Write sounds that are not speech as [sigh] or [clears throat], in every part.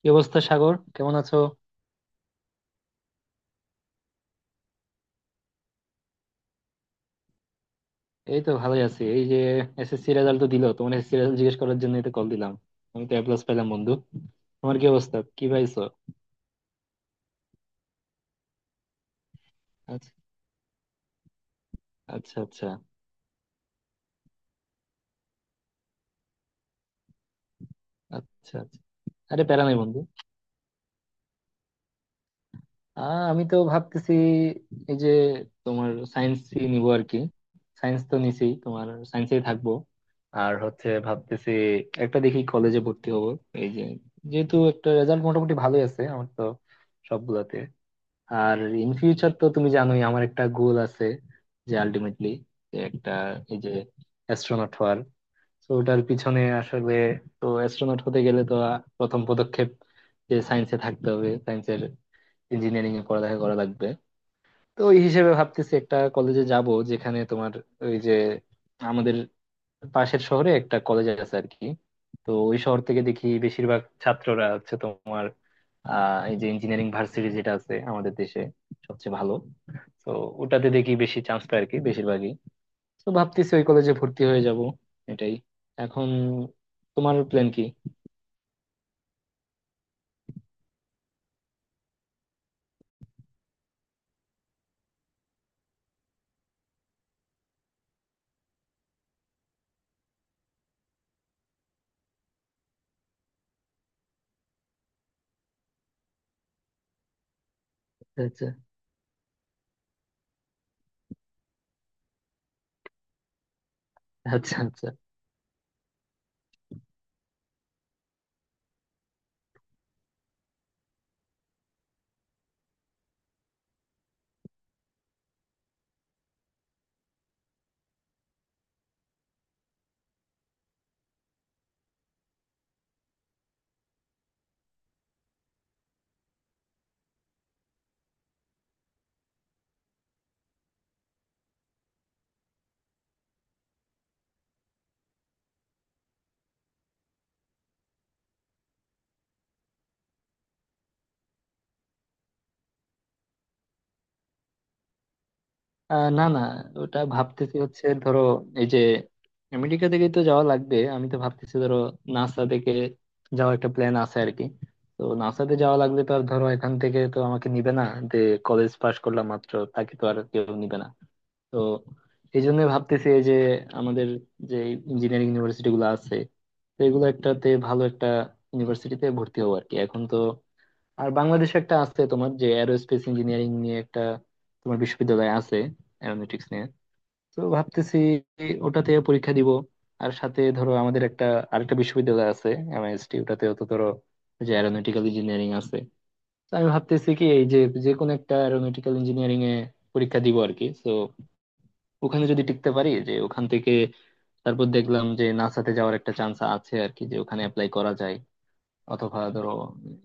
কি অবস্থা সাগর? কেমন আছো? এই তো ভালোই আছি, এই যে এসএসসি রেজাল্ট তো দিলো। তোমার এসএসসি রেজাল্ট জিজ্ঞেস করার জন্য তো কল দিলাম। আমি তো A+ পেলাম বন্ধু। তোমার কি অবস্থা? কি পাইছো? আচ্ছা। আচ্ছা। আচ্ছা। আচ্ছা। আচ্ছা। আরে প্যারা নাই বন্ধু। আমি তো ভাবতেছি এই যে তোমার সায়েন্স নিবো আর কি। সায়েন্স তো নিছি, তোমার সায়েন্সেই থাকবো। আর হচ্ছে ভাবতেছি একটা দেখি কলেজে ভর্তি হবো, এই যে, যেহেতু একটা রেজাল্ট মোটামুটি ভালোই আছে আমার তো, সবগুলাতে। আর ইন ফিউচার তো তুমি জানোই আমার একটা গোল আছে, যে আলটিমেটলি একটা, এই যে, অ্যাস্ট্রোনট হওয়ার। তো ওটার পিছনে আসলে, তো অ্যাস্ট্রোনট হতে গেলে তো প্রথম পদক্ষেপ যে সায়েন্সে থাকতে হবে, সায়েন্সের ইঞ্জিনিয়ারিং এ পড়ালেখা করা লাগবে। তো ওই হিসেবে ভাবতেছি একটা কলেজে যাব যেখানে তোমার, ওই যে, আমাদের পাশের শহরে একটা কলেজ আছে আর কি। তো ওই শহর থেকে দেখি বেশিরভাগ ছাত্ররা হচ্ছে তোমার, এই যে ইঞ্জিনিয়ারিং ভার্সিটি যেটা আছে আমাদের দেশে সবচেয়ে ভালো, তো ওটাতে দেখি বেশি চান্স পায় আর কি বেশিরভাগই। তো ভাবতেছি ওই কলেজে ভর্তি হয়ে যাব, এটাই। এখন তোমার প্ল্যান কি? আচ্ছা। আচ্ছা। আচ্ছা। না না, ওটা ভাবতেছি হচ্ছে ধরো, এই যে, আমেরিকা থেকে তো যাওয়া লাগবে। আমি তো ভাবতেছি ধরো নাসা থেকে যাওয়া একটা প্ল্যান আছে আর কি। তো নাসাতে যাওয়া লাগলে তো আর ধরো এখান থেকে তো আমাকে নিবে না, যে কলেজ পাশ করলাম মাত্র তাকে তো আর কেউ নিবে না। তো এই জন্য ভাবতেছি, এই যে আমাদের যে ইঞ্জিনিয়ারিং ইউনিভার্সিটি গুলো আছে, তো এগুলো একটাতে, ভালো একটা ইউনিভার্সিটিতে ভর্তি হবো আর কি এখন তো। আর বাংলাদেশে একটা আছে তোমার, যে অ্যারোস্পেস ইঞ্জিনিয়ারিং নিয়ে একটা তোমার বিশ্ববিদ্যালয় আছে, অ্যারোনটিক্স নিয়ে। তো ভাবতেছি ওটাতে পরীক্ষা দিব। আর সাথে ধরো আমাদের একটা আরেকটা বিশ্ববিদ্যালয় আছে, এমআইএসটি, ওটাতেও তো ধরো ওই যে অ্যারোনটিক্যাল ইঞ্জিনিয়ারিং আছে। তো আমি ভাবতেছি কি, এই যে, যে কোনো একটা অ্যারোনটিক্যাল ইঞ্জিনিয়ারিং এ পরীক্ষা দিব আর কি। তো ওখানে যদি টিকতে পারি, যে ওখান থেকে তারপর দেখলাম যে নাসাতে যাওয়ার একটা চান্স আছে আর কি, যে ওখানে অ্যাপ্লাই করা যায়। অথবা ধরো,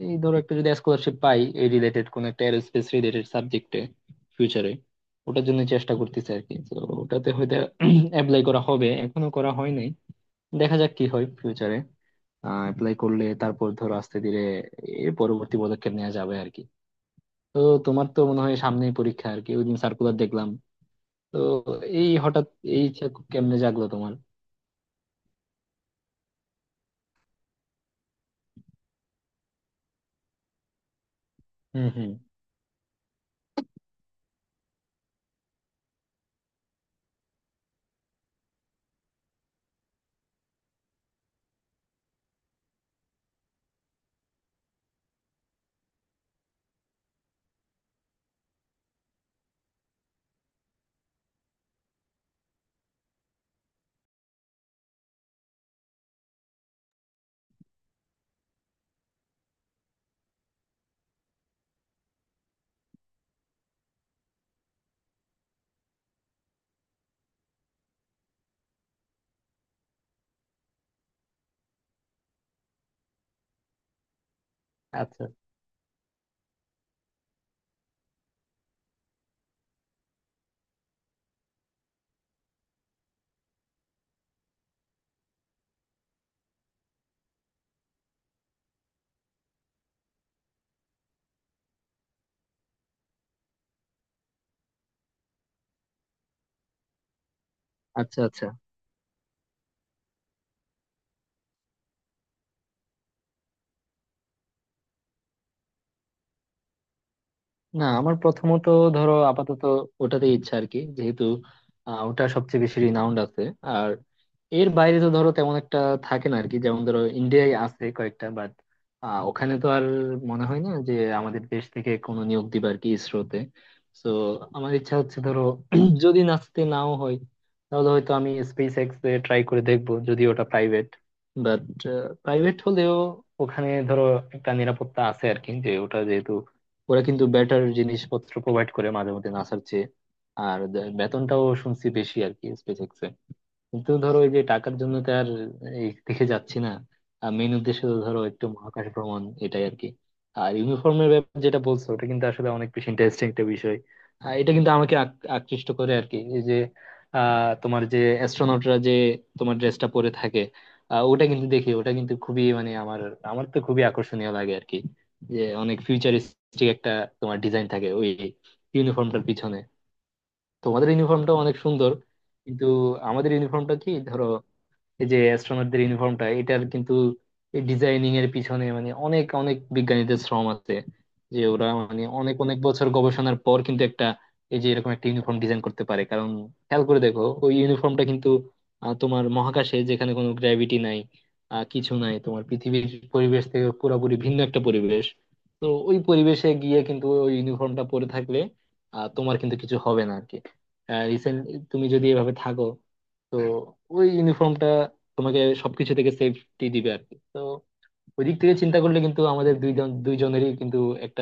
এই ধরো, একটা যদি স্কলারশিপ পাই এই রিলেটেড কোন একটা এরোস্পেস রিলেটেড সাবজেক্টে ফিউচারে, ওটার জন্য চেষ্টা করতেছি আর কি। তো ওটাতে হয়তো [clears throat] অ্যাপ্লাই করা হবে, এখনো করা হয় নাই। দেখা যাক কি হয় ফিউচারে অ্যাপ্লাই করলে, তারপর ধরো আস্তে ধীরে এর পরবর্তী পদক্ষেপ নেওয়া যাবে আর কি। তো তোমার তো মনে হয় সামনেই পরীক্ষা আর কি, ওইদিন সার্কুলার দেখলাম। তো এই হঠাৎ এই ইচ্ছা কেমনে জাগলো তোমার? হুম। হুম। আচ্ছা। আচ্ছা। আচ্ছা। না আমার প্রথমত, ধরো আপাতত ওটাতে ইচ্ছা আর কি, যেহেতু ওটা সবচেয়ে বেশি রিনাউন্ড আছে। আর এর বাইরে তো ধরো তেমন একটা থাকে না আর কি। যেমন ধরো ইন্ডিয়ায় আছে কয়েকটা, বাট ওখানে তো আর মনে হয় না যে আমাদের দেশ থেকে কোনো নিয়োগ দিবে আর কি ইসরোতে। তো আমার ইচ্ছা হচ্ছে ধরো, [clears throat] যদি নাচতে নাও হয় তাহলে হয়তো আমি স্পেস এক্স এ ট্রাই করে দেখবো, যদি ওটা প্রাইভেট, বাট প্রাইভেট হলেও ওখানে ধরো একটা নিরাপত্তা আছে আর কি, যে ওটা যেহেতু, ওরা কিন্তু বেটার জিনিসপত্র প্রোভাইড করে মাঝে মধ্যে নাসার চেয়ে। আর বেতনটাও শুনছি বেশি আর কি স্পেস এক্স। কিন্তু ধরো ওই যে টাকার জন্য তো আর এই দেখে যাচ্ছি না। মেইন উদ্দেশ্য তো ধরো একটু মহাকাশ ভ্রমণ, এটাই আর কি। আর ইউনিফর্মের ব্যাপার যেটা বলছো ওটা কিন্তু আসলে অনেক বেশি ইন্টারেস্টিং একটা বিষয়। এটা কিন্তু আমাকে আকৃষ্ট করে আর কি, এই যে, তোমার যে অ্যাস্ট্রোনটরা যে তোমার ড্রেসটা পরে থাকে, ওটা কিন্তু দেখি, ওটা কিন্তু খুবই, মানে আমার, আমার তো খুবই আকর্ষণীয় লাগে আর কি। যে অনেক ফিউচারিস্টিক একটা তোমার ডিজাইন থাকে ওই ইউনিফর্মটার পিছনে। তোমাদের ইউনিফর্মটা অনেক সুন্দর, কিন্তু আমাদের ইউনিফর্মটা কি ধরো, এই যে অ্যাস্ট্রোনটদের ইউনিফর্মটা, এটার কিন্তু ডিজাইনিং এর পিছনে মানে অনেক অনেক বিজ্ঞানীদের শ্রম আছে। যে ওরা মানে অনেক অনেক বছর গবেষণার পর কিন্তু একটা, এই যে, এরকম একটা ইউনিফর্ম ডিজাইন করতে পারে। কারণ খেয়াল করে দেখো ওই ইউনিফর্মটা কিন্তু, তোমার মহাকাশে যেখানে কোনো গ্র্যাভিটি নাই, কিছু নাই, তোমার পৃথিবীর পরিবেশ থেকে পুরোপুরি ভিন্ন একটা পরিবেশ। তো ওই পরিবেশে গিয়ে কিন্তু ওই ইউনিফর্মটা পরে থাকলে তোমার কিন্তু কিছু হবে না আর কি। রিসেন্ট, তুমি যদি এভাবে থাকো, তো ওই ইউনিফর্মটা তোমাকে সবকিছু থেকে সেফটি দিবে আর কি। তো ওই দিক থেকে চিন্তা করলে কিন্তু আমাদের দুইজন দুইজনেরই কিন্তু একটা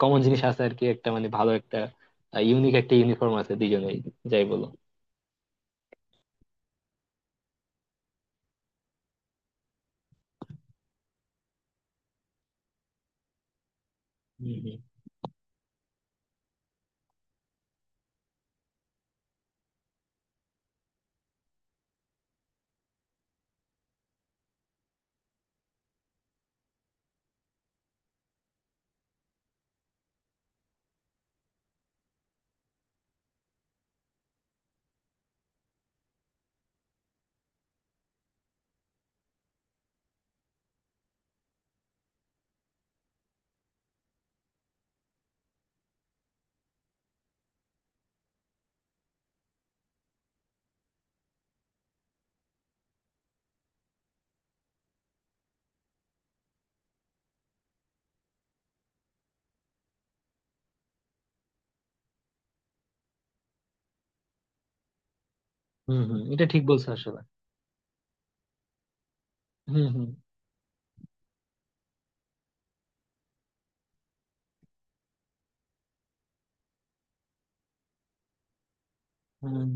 কমন জিনিস আছে আর কি, একটা মানে ভালো একটা ইউনিক একটা ইউনিফর্ম আছে দুইজনেরই, যাই বলো। হম। হম। হম হম এটা ঠিক বলছো আসলে। হম। হম। হম।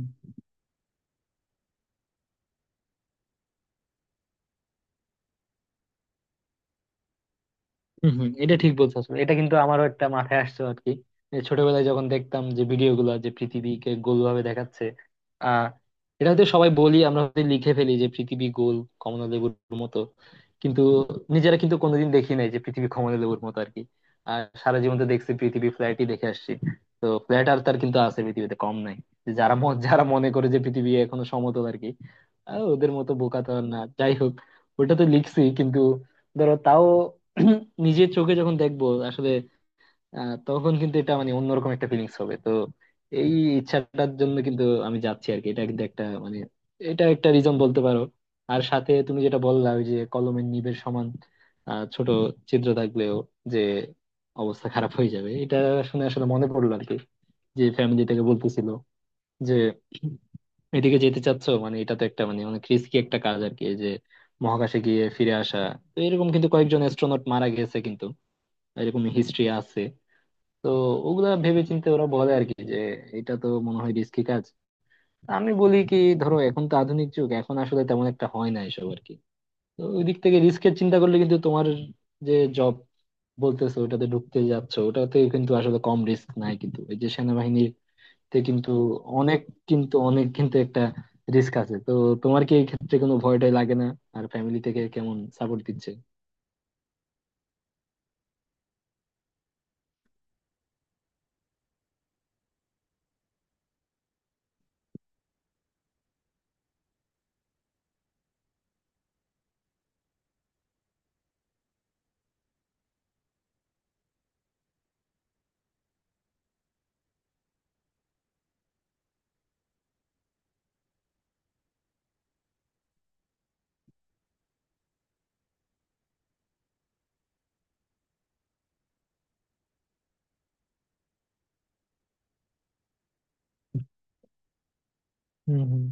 হম। হম এটা ঠিক বলছো আসলে। এটা কিন্তু আমারও একটা মাথায় আসছে আর কি। এই ছোটবেলায় যখন দেখতাম যে ভিডিও গুলো যে পৃথিবীকে গোল ভাবে দেখাচ্ছে, আহ এটা হয়তো সবাই বলি, আমরা হয়তো লিখে ফেলি যে পৃথিবী গোল কমলালেবুর মতো, কিন্তু নিজেরা কিন্তু কোনোদিন দেখি নাই যে পৃথিবী কমলালেবুর মতো আর কি। আর সারা জীবন তো দেখছি পৃথিবী ফ্ল্যাটই দেখে আসছি। তো ফ্ল্যাট আর তার কিন্তু আছে পৃথিবীতে কম নাই, যারা মনে করে যে পৃথিবী এখনো সমতল আর কি। ওদের মতো বোকা তো আর না, যাই হোক। ওটা তো লিখছি কিন্তু ধরো তাও [clears throat] নিজের চোখে যখন দেখবো আসলে, তখন কিন্তু এটা মানে অন্যরকম একটা ফিলিংস হবে। তো এই ইচ্ছাটার জন্য কিন্তু আমি যাচ্ছি আর কি, এটা কিন্তু একটা মানে, এটা একটা রিজন বলতে পারো। আর সাথে তুমি যেটা বললা ওই যে কলমের নিবের সমান ছোট ছিদ্র থাকলেও যে অবস্থা খারাপ হয়ে যাবে, এটা শুনে আসলে মনে পড়লো আর কি। যে ফ্যামিলি থেকে বলতেছিল যে এদিকে যেতে চাচ্ছ, মানে এটা তো একটা মানে অনেক রিস্কি একটা কাজ আর কি, এই যে মহাকাশে গিয়ে ফিরে আসা। তো এরকম কিন্তু কয়েকজন অ্যাস্ট্রোনট মারা গেছে কিন্তু, এরকম হিস্ট্রি আছে। তো ওগুলা ভেবে চিন্তে ওরা বলে আর কি যে এটা তো মনে হয় রিস্কি কাজ। আমি বলি কি, ধরো এখন তো আধুনিক যুগ, এখন আসলে তেমন একটা হয় না এসব আর কি। তো ওই দিক থেকে রিস্কের চিন্তা করলে কিন্তু তোমার যে জব বলতেছো ওটাতে ঢুকতে যাচ্ছ, ওটাতে কিন্তু আসলে কম রিস্ক নাই কিন্তু, এই যে সেনাবাহিনীতে কিন্তু অনেক, কিন্তু একটা রিস্ক আছে তো। তোমার কি এই ক্ষেত্রে কোনো ভয়টাই লাগে না? আর ফ্যামিলি থেকে কেমন সাপোর্ট দিচ্ছে? হম।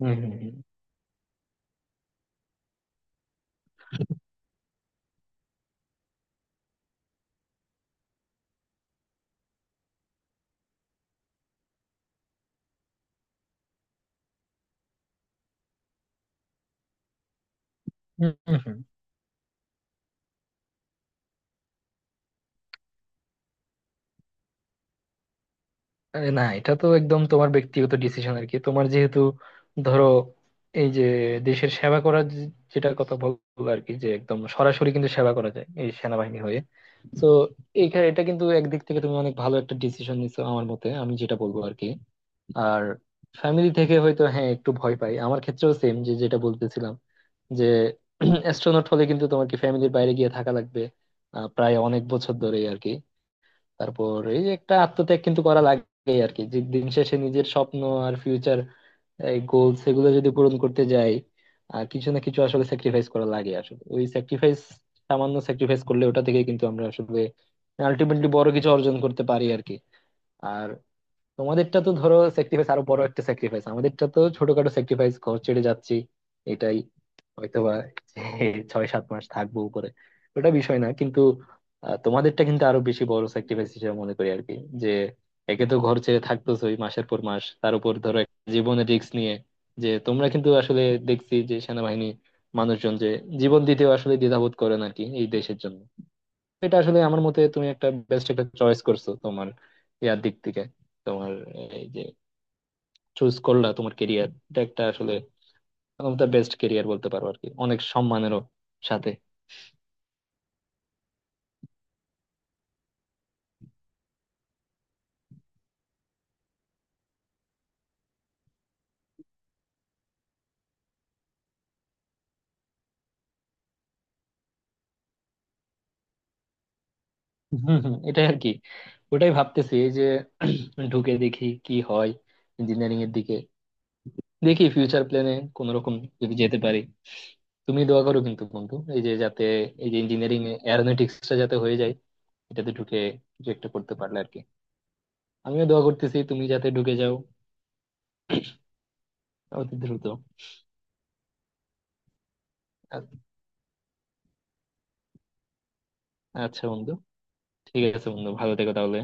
হম। হম। হম। হম। আরে না, এটা তো একদম তোমার ব্যক্তিগত ডিসিশন আর কি। তোমার যেহেতু ধরো, এই যে দেশের সেবা করার যেটা কথা বললো আর কি, যে একদম সরাসরি কিন্তু সেবা করা যায় এই সেনাবাহিনী হয়ে, তো এইখানে এটা কিন্তু একদিক থেকে তুমি অনেক ভালো একটা ডিসিশন নিছো আমার মতে, আমি যেটা বলবো আর কি। আর ফ্যামিলি থেকে হয়তো, হ্যাঁ একটু ভয় পাই, আমার ক্ষেত্রেও সেম যে যেটা বলতেছিলাম, যে [clears throat] অ্যাস্ট্রোনট হলে কিন্তু তোমার কি ফ্যামিলির বাইরে গিয়ে থাকা লাগবে প্রায় অনেক বছর ধরেই আর কি। তারপর এই যে একটা আত্মত্যাগ কিন্তু করা লাগে আর কি, যে দিন শেষে নিজের স্বপ্ন আর ফিউচার গোলস এগুলো যদি পূরণ করতে যাই কিছু না কিছু আসলে স্যাক্রিফাইস করা লাগে। আসলে ওই স্যাক্রিফাইস, সামান্য স্যাক্রিফাইস করলে ওটা থেকে কিন্তু আমরা আসলে আলটিমেটলি বড় কিছু অর্জন করতে পারি আর কি। আর তোমাদেরটা তো ধরো স্যাক্রিফাইস, আরো বড় একটা স্যাক্রিফাইস। আমাদেরটা তো ছোটখাটো স্যাক্রিফাইস, ঘর ছেড়ে যাচ্ছি এটাই। হয়তোবা [laughs] যে 6-7 মাস থাকবো উপরে, ওটা বিষয় না কিন্তু। তোমাদেরটা কিন্তু আরো বেশি বড় স্যাক্রিফাইস হিসেবে মনে করি আর কি, যে একে তো ঘর ছেড়ে থাকতেছই মাসের পর মাস, তার উপর ধরো একটা জীবনের রিস্ক নিয়ে। যে তোমরা কিন্তু আসলে দেখছি যে সেনাবাহিনী মানুষজন যে জীবন দিতেও আসলে দ্বিধাবোধ করেন আর কি এই দেশের জন্য। এটা আসলে আমার মতে তুমি একটা বেস্ট একটা চয়েস করছো তোমার ইয়ার দিক থেকে, তোমার, এই যে চুজ করলা তোমার কেরিয়ার, এটা একটা আসলে আমার বেস্ট কেরিয়ার বলতে পারো আর কি, অনেক সম্মানেরও সাথে। হম হম এটাই আর কি। ওটাই ভাবতেছি এই যে ঢুকে দেখি কি হয় ইঞ্জিনিয়ারিং এর দিকে। দেখি ফিউচার প্ল্যানে কোন রকম যদি যেতে পারি, তুমি দোয়া করো কিন্তু বন্ধু এই যে যাতে, এই যে ইঞ্জিনিয়ারিং, এরোনটিক্সটা যাতে হয়ে যায়, এটাতে ঢুকে কিছু একটা করতে পারলে আর কি। আমিও দোয়া করতেছি তুমি যাতে ঢুকে যাও অতি দ্রুত। আ- আচ্ছা বন্ধু, ঠিক আছে বন্ধু ভালো থেকো তাহলে।